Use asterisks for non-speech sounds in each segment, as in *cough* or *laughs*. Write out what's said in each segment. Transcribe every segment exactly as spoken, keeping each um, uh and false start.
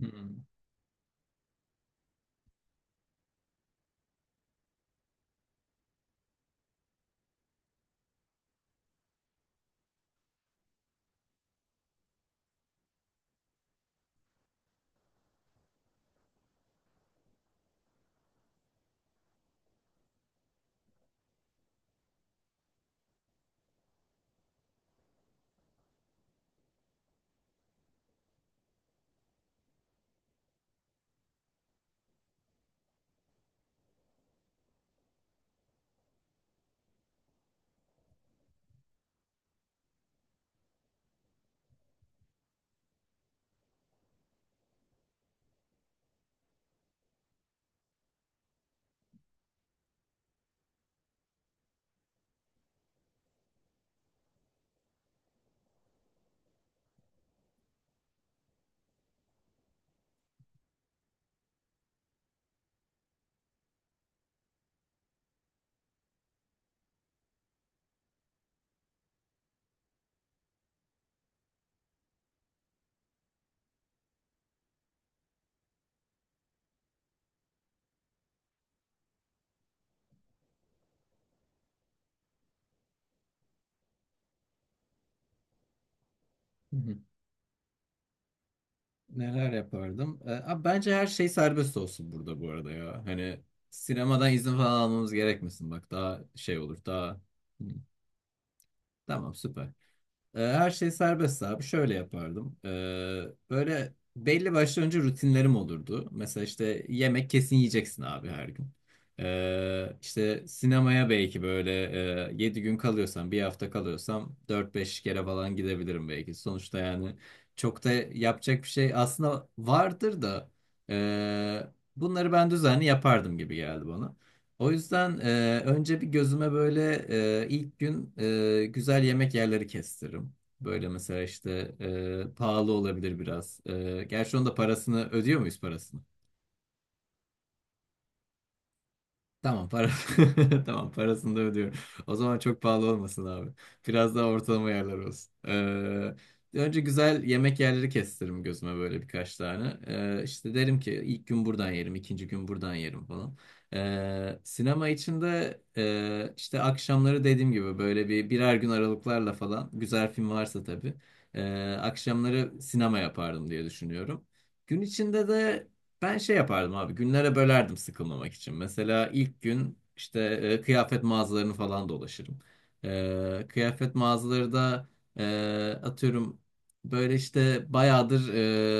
Hmm. Hı hı. Neler yapardım? Ee, abi bence her şey serbest olsun burada bu arada ya. Hani sinemadan izin falan almamız gerekmesin. Bak daha şey olur daha. Hı. Tamam süper. Ee, Her şey serbest abi. Şöyle yapardım. Ee, Böyle belli başlı önce rutinlerim olurdu. Mesela işte yemek kesin yiyeceksin abi her gün. Ee, işte sinemaya belki böyle e, yedi gün kalıyorsam, bir hafta kalıyorsam dört beş kere falan gidebilirim belki. Sonuçta yani çok da yapacak bir şey aslında vardır da ee, bunları ben düzenli yapardım gibi geldi bana. O yüzden e, önce bir gözüme böyle e, ilk gün e, güzel yemek yerleri kestiririm. Böyle mesela işte e, pahalı olabilir biraz. E, gerçi onun da parasını ödüyor muyuz parasını? Tamam para *laughs* Tamam, parasını da ödüyorum. O zaman çok pahalı olmasın abi. Biraz daha ortalama yerler olsun. Ee, önce güzel yemek yerleri kestiririm gözüme böyle birkaç tane. Ee, işte derim ki ilk gün buradan yerim, ikinci gün buradan yerim falan. Ee, sinema için de e, işte akşamları dediğim gibi böyle bir birer gün aralıklarla falan güzel film varsa tabii. e, Akşamları sinema yapardım diye düşünüyorum. Gün içinde de ben şey yapardım abi günlere bölerdim sıkılmamak için. Mesela ilk gün işte e, kıyafet mağazalarını falan dolaşırım. E, kıyafet mağazaları da e, atıyorum böyle işte bayağıdır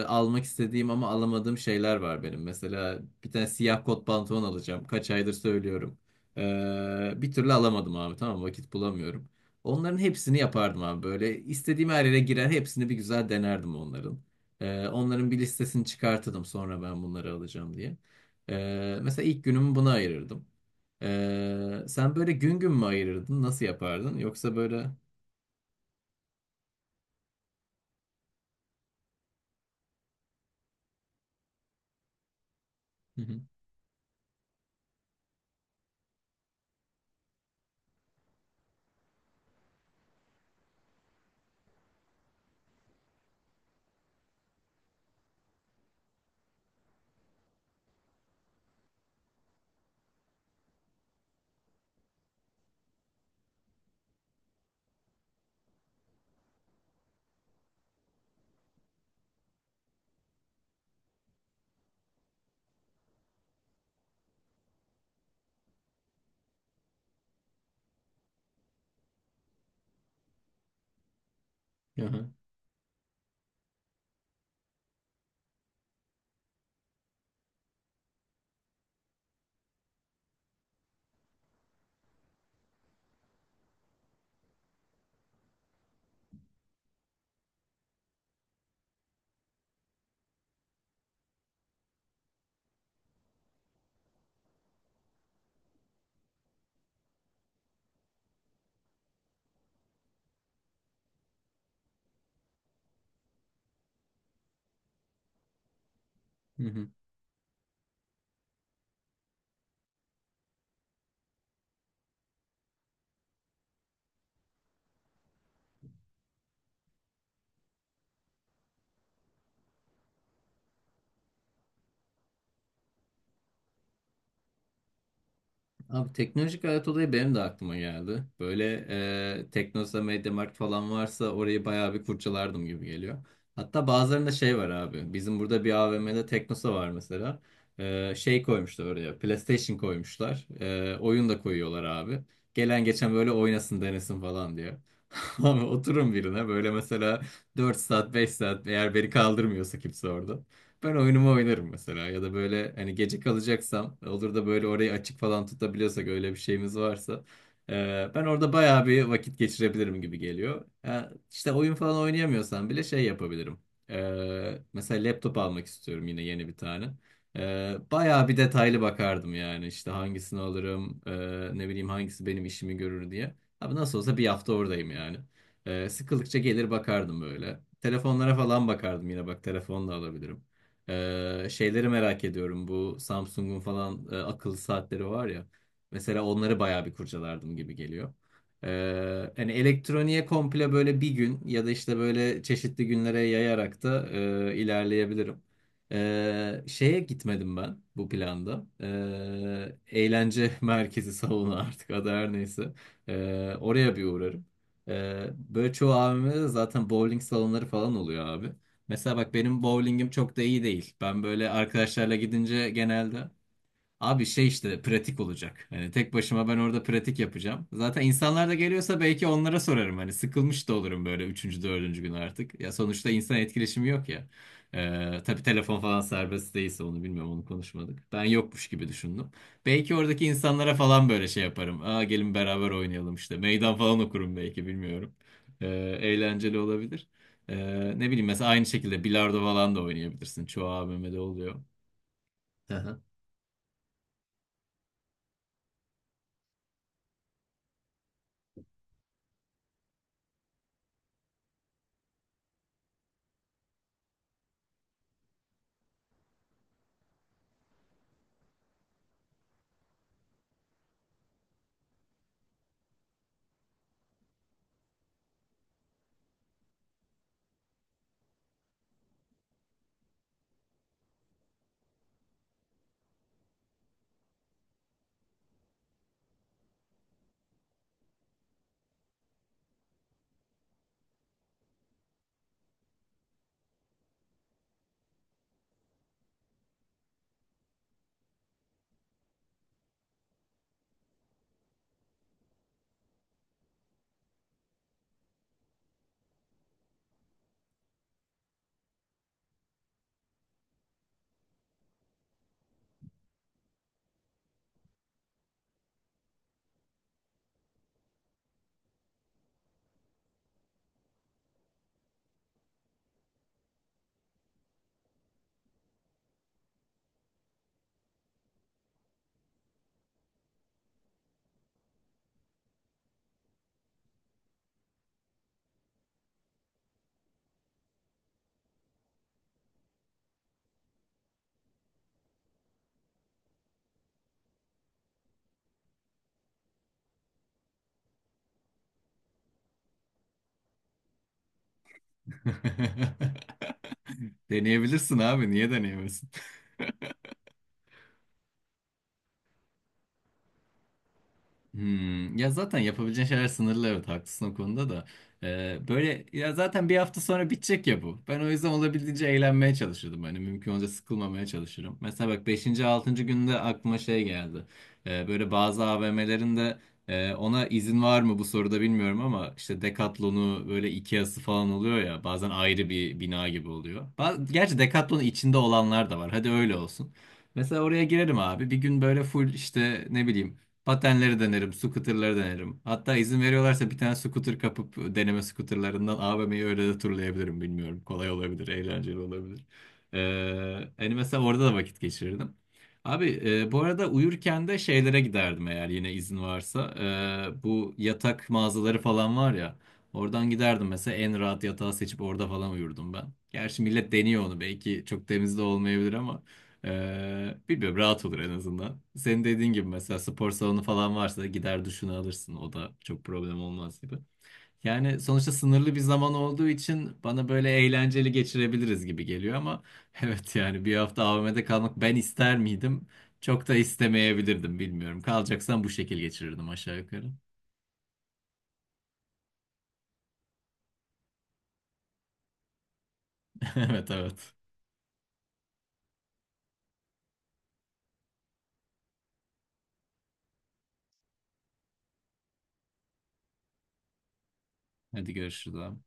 e, almak istediğim ama alamadığım şeyler var benim. Mesela bir tane siyah kot pantolon alacağım. Kaç aydır söylüyorum. E, bir türlü alamadım abi tamam vakit bulamıyorum. Onların hepsini yapardım abi böyle istediğim her yere girer hepsini bir güzel denerdim onların. Ee, onların bir listesini çıkartırdım sonra ben bunları alacağım diye. Ee, mesela ilk günümü buna ayırırdım. Ee, sen böyle gün gün mü ayırırdın? Nasıl yapardın? Yoksa böyle... Hı hı. Aha. Hı hı. Abi teknolojik alet olayı benim de aklıma geldi. Böyle e, Teknosa, Mediamarkt falan varsa orayı bayağı bir kurcalardım gibi geliyor. Hatta bazılarında şey var abi. Bizim burada bir a v m'de Teknosa var mesela. E, şey koymuşlar oraya. PlayStation koymuşlar. E, oyun da koyuyorlar abi. Gelen geçen böyle oynasın denesin falan diye. Abi oturun birine böyle mesela dört saat beş saat eğer beni kaldırmıyorsa kimse orada. Ben oyunumu oynarım mesela ya da böyle hani gece kalacaksam olur da böyle orayı açık falan tutabiliyorsak öyle bir şeyimiz varsa e, ben orada bayağı bir vakit geçirebilirim gibi geliyor. Ha, işte oyun falan oynayamıyorsam bile şey yapabilirim. E, mesela laptop almak istiyorum yine yeni bir tane. Ee, bayağı bir detaylı bakardım yani işte hangisini alırım e, ne bileyim hangisi benim işimi görür diye. Abi nasıl olsa bir hafta oradayım yani. Ee, sıkıldıkça gelir bakardım böyle. Telefonlara falan bakardım yine bak telefonla alabilirim. Ee, şeyleri merak ediyorum bu Samsung'un falan e, akıllı saatleri var ya. Mesela onları bayağı bir kurcalardım gibi geliyor. Ee, hani elektroniğe komple böyle bir gün ya da işte böyle çeşitli günlere yayarak da e, ilerleyebilirim. Ee, şeye gitmedim ben bu planda. Ee, eğlence *laughs* merkezi salonu artık adı her neyse. Ee, oraya bir uğrarım. Ee, böyle çoğu a v m'de de zaten bowling salonları falan oluyor abi. Mesela bak benim bowlingim çok da iyi değil. Ben böyle arkadaşlarla gidince genelde. Abi şey işte pratik olacak. Hani tek başıma ben orada pratik yapacağım. Zaten insanlar da geliyorsa belki onlara sorarım. Hani sıkılmış da olurum böyle üçüncü, dördüncü gün artık. Ya sonuçta insan etkileşimi yok ya. Ee, tabii telefon falan serbest değilse onu bilmiyorum onu konuşmadık. Ben yokmuş gibi düşündüm. Belki oradaki insanlara falan böyle şey yaparım. Aa, gelin beraber oynayalım işte. Meydan falan okurum belki bilmiyorum. Ee, Eğlenceli olabilir. Ee, Ne bileyim mesela aynı şekilde bilardo falan da oynayabilirsin. Çoğu a v m'de oluyor. Aha. *laughs* Deneyebilirsin abi. Niye deneyebilirsin? Hmm, ya zaten yapabileceğin şeyler sınırlı evet haklısın o konuda da. Ee, böyle ya zaten bir hafta sonra bitecek ya bu. Ben o yüzden olabildiğince eğlenmeye çalışırdım. Hani mümkün olunca sıkılmamaya çalışırım. Mesela bak beşinci altıncı günde aklıma şey geldi. Ee, böyle bazı a v m'lerin de e, ona izin var mı bu soruda bilmiyorum ama işte Decathlon'u böyle Ikea'sı falan oluyor ya bazen ayrı bir bina gibi oluyor. Ba- Gerçi Decathlon'un içinde olanlar da var. Hadi öyle olsun. Mesela oraya girerim abi. Bir gün böyle full işte ne bileyim Patenleri denerim, scooter'ları denerim. Hatta izin veriyorlarsa bir tane scooter kapıp deneme scooter'larından a v m'yi öyle de turlayabilirim bilmiyorum. Kolay olabilir, eğlenceli olabilir. Ee, hani mesela orada da vakit geçirirdim. Abi e, bu arada uyurken de şeylere giderdim eğer yine izin varsa. Ee, bu yatak mağazaları falan var ya. Oradan giderdim mesela en rahat yatağı seçip orada falan uyurdum ben. Gerçi millet deniyor onu belki çok temiz de olmayabilir ama ee, bilmiyorum rahat olur en azından. Senin dediğin gibi mesela spor salonu falan varsa gider duşunu alırsın. O da çok problem olmaz gibi. Yani sonuçta sınırlı bir zaman olduğu için bana böyle eğlenceli geçirebiliriz gibi geliyor ama *laughs* evet yani bir hafta a v m'de kalmak ben ister miydim? Çok da istemeyebilirdim bilmiyorum. Kalacaksan bu şekil geçirirdim aşağı yukarı. *laughs* Evet, evet. Hadi görüşürüz abi.